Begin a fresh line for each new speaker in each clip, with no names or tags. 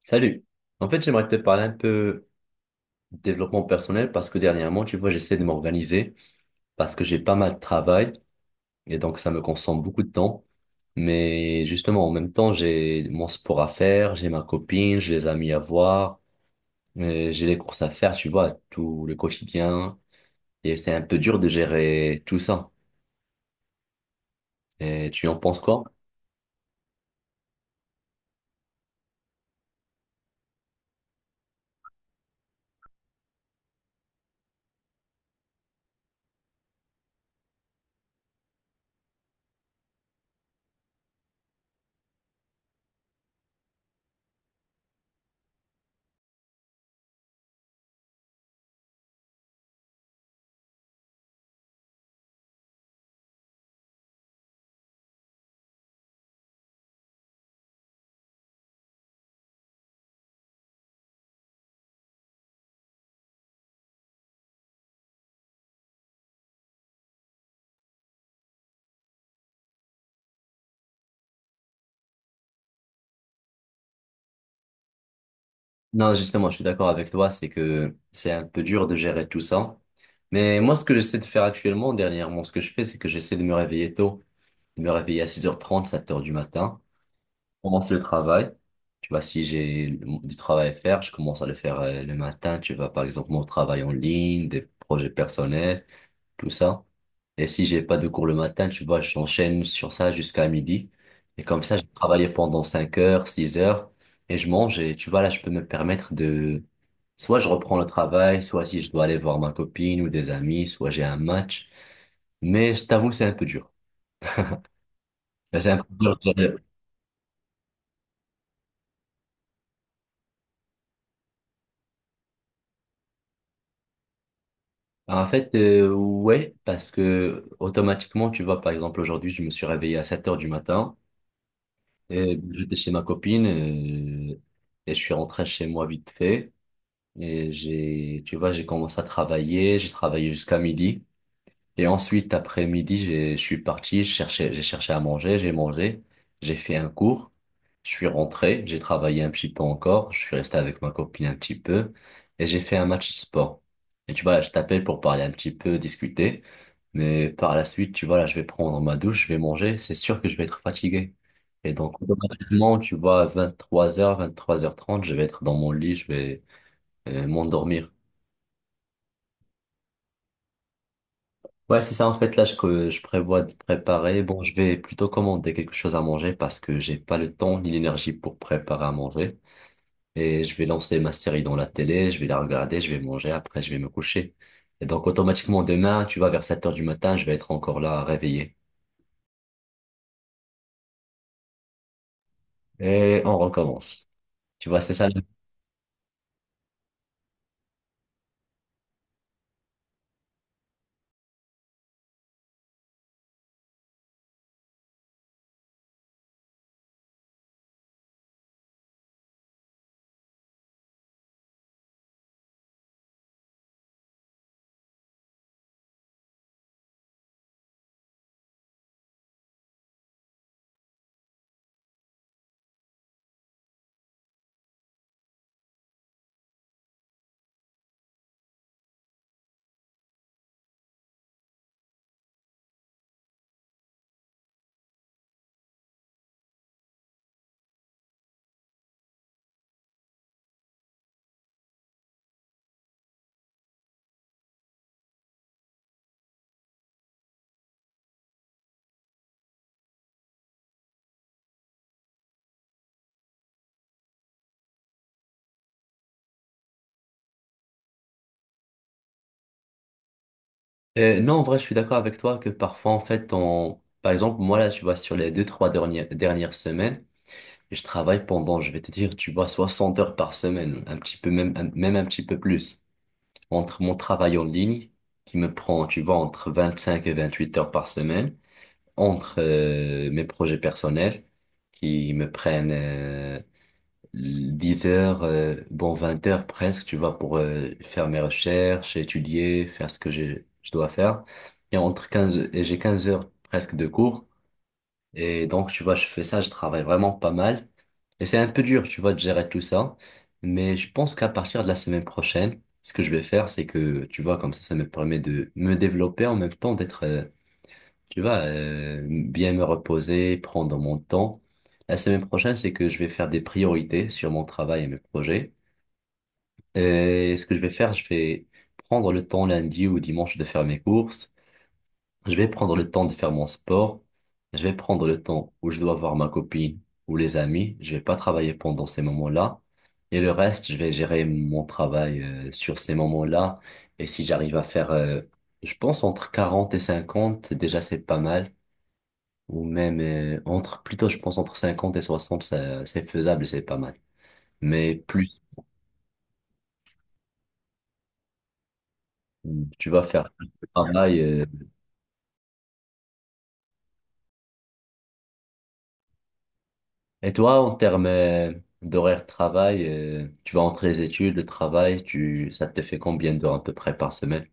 Salut. En fait, j'aimerais te parler un peu de développement personnel parce que dernièrement, tu vois, j'essaie de m'organiser parce que j'ai pas mal de travail et donc ça me consomme beaucoup de temps. Mais justement, en même temps, j'ai mon sport à faire, j'ai ma copine, j'ai les amis à voir, j'ai les courses à faire, tu vois, tout le quotidien. Et c'est un peu dur de gérer tout ça. Et tu en penses quoi? Non, justement, je suis d'accord avec toi, c'est que c'est un peu dur de gérer tout ça. Mais moi, ce que j'essaie de faire actuellement, dernièrement, ce que je fais, c'est que j'essaie de me réveiller tôt, de me réveiller à 6h30, 7h du matin, commencer le travail. Tu vois, si j'ai du travail à faire, je commence à le faire le matin. Tu vois, par exemple, mon travail en ligne, des projets personnels tout ça. Et si j'ai pas de cours le matin, tu vois, j'enchaîne sur ça jusqu'à midi. Et comme ça, j'ai travaillé pendant 5 heures, 6 heures, et je mange. Et tu vois, là, je peux me permettre de... Soit je reprends le travail, soit si je dois aller voir ma copine ou des amis, soit j'ai un match. Mais je t'avoue, c'est un peu dur. Là, c'est un peu dur. En fait, ouais, parce que automatiquement, tu vois, par exemple, aujourd'hui, je me suis réveillé à 7h du matin. Et j'étais chez ma copine et je suis rentré chez moi vite fait. Et tu vois, j'ai commencé à travailler, j'ai travaillé jusqu'à midi. Et ensuite, après midi, je suis parti, j'ai cherché à manger, j'ai mangé, j'ai fait un cours, je suis rentré, j'ai travaillé un petit peu encore, je suis resté avec ma copine un petit peu, et j'ai fait un match de sport. Et tu vois, là, je t'appelle pour parler un petit peu, discuter, mais par la suite, tu vois, là, je vais prendre ma douche, je vais manger, c'est sûr que je vais être fatigué. Et donc, automatiquement, tu vois, à 23h30, je vais être dans mon lit, je vais m'endormir. Ouais, c'est ça, en fait, que je prévois de préparer. Bon, je vais plutôt commander quelque chose à manger parce que j'ai pas le temps ni l'énergie pour préparer à manger. Et je vais lancer ma série dans la télé, je vais la regarder, je vais manger, après je vais me coucher. Et donc automatiquement demain, tu vois, vers 7 heures du matin, je vais être encore là réveillé. Et on recommence. Tu vois, c'est ça. Non, en vrai, je suis d'accord avec toi que parfois, en fait, on... Par exemple, moi, là, tu vois, sur les deux, trois dernières semaines, je travaille pendant, je vais te dire, tu vois, 60 heures par semaine, un petit peu, même, même un petit peu plus. Entre mon travail en ligne, qui me prend, tu vois, entre 25 et 28 heures par semaine, entre mes projets personnels, qui me prennent 10 heures, bon, 20 heures presque, tu vois, pour faire mes recherches, étudier, faire ce que je dois faire. Et entre 15, et j'ai 15 heures presque de cours. Et donc, tu vois, je fais ça, je travaille vraiment pas mal. Et c'est un peu dur, tu vois, de gérer tout ça. Mais je pense qu'à partir de la semaine prochaine, ce que je vais faire, c'est que, tu vois, comme ça me permet de me développer en même temps, d'être, tu vois, bien me reposer, prendre mon temps. La semaine prochaine, c'est que je vais faire des priorités sur mon travail et mes projets. Et ce que je vais faire, je vais prendre le temps lundi ou dimanche de faire mes courses. Je vais prendre le temps de faire mon sport. Je vais prendre le temps où je dois voir ma copine ou les amis. Je vais pas travailler pendant ces moments-là. Et le reste, je vais gérer mon travail sur ces moments-là. Et si j'arrive à faire, je pense, entre 40 et 50, déjà c'est pas mal. Ou même entre, plutôt, je pense, entre 50 et 60, c'est faisable et c'est pas mal. Mais plus tu vas faire le travail, et toi, en termes d'horaire de travail, tu vas entre les études, le travail, ça te fait combien d'heures à peu près par semaine?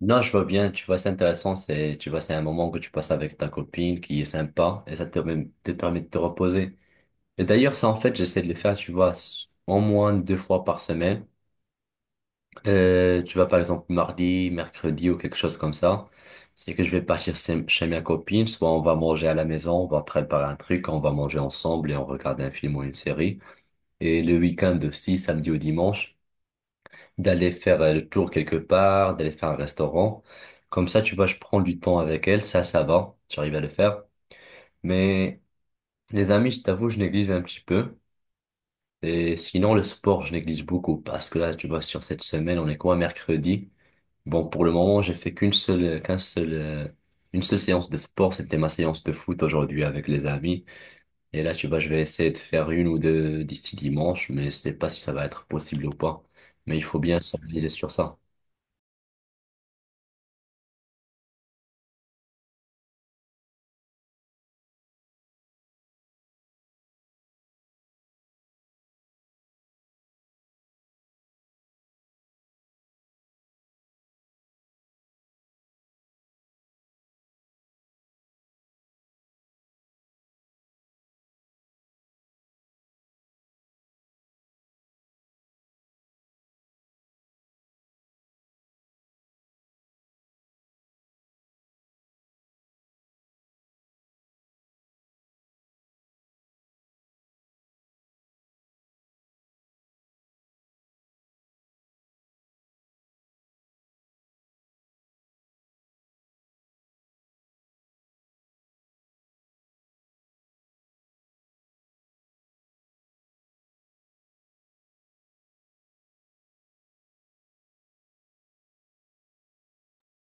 Non, je vois bien, tu vois, c'est intéressant, c'est, tu vois, c'est un moment que tu passes avec ta copine qui est sympa et ça te permet de te reposer. Et d'ailleurs, ça, en fait, j'essaie de le faire, tu vois, au moins 2 fois par semaine. Tu vois, par exemple, mardi, mercredi ou quelque chose comme ça. C'est que je vais partir chez ma copine, soit on va manger à la maison, on va préparer un truc, on va manger ensemble et on regarde un film ou une série. Et le week-end aussi, samedi ou dimanche, d'aller faire le tour quelque part, d'aller faire un restaurant. Comme ça, tu vois, je prends du temps avec elle, ça va, j'arrive à le faire. Mais les amis, je t'avoue, je néglige un petit peu. Et sinon, le sport, je néglige beaucoup parce que là, tu vois, sur cette semaine, on est quoi, mercredi? Bon, pour le moment, j'ai fait qu'un seul, une seule séance de sport. C'était ma séance de foot aujourd'hui avec les amis. Et là, tu vois, je vais essayer de faire 1 ou 2 d'ici dimanche, mais je sais pas si ça va être possible ou pas. Mais il faut bien s'organiser sur ça.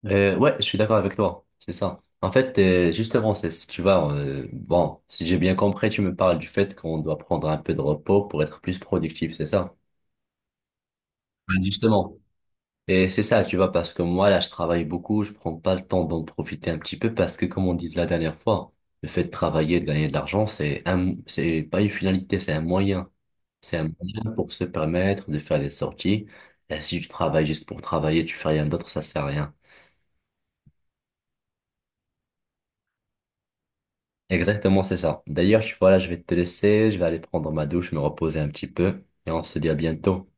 Ouais, je suis d'accord avec toi. C'est ça. En fait, justement, c'est si tu vas, bon, si j'ai bien compris, tu me parles du fait qu'on doit prendre un peu de repos pour être plus productif, c'est ça? Ouais, justement. Et c'est ça, tu vois, parce que moi, là, je travaille beaucoup, je prends pas le temps d'en profiter un petit peu parce que, comme on disait la dernière fois, le fait de travailler, de gagner de l'argent, c'est c'est pas une finalité, c'est un moyen. C'est un moyen pour se permettre de faire des sorties. Et si tu travailles juste pour travailler, tu fais rien d'autre, ça sert à rien. Exactement, c'est ça. D'ailleurs, voilà, je vais te laisser, je vais aller prendre ma douche, me reposer un petit peu, et on se dit à bientôt.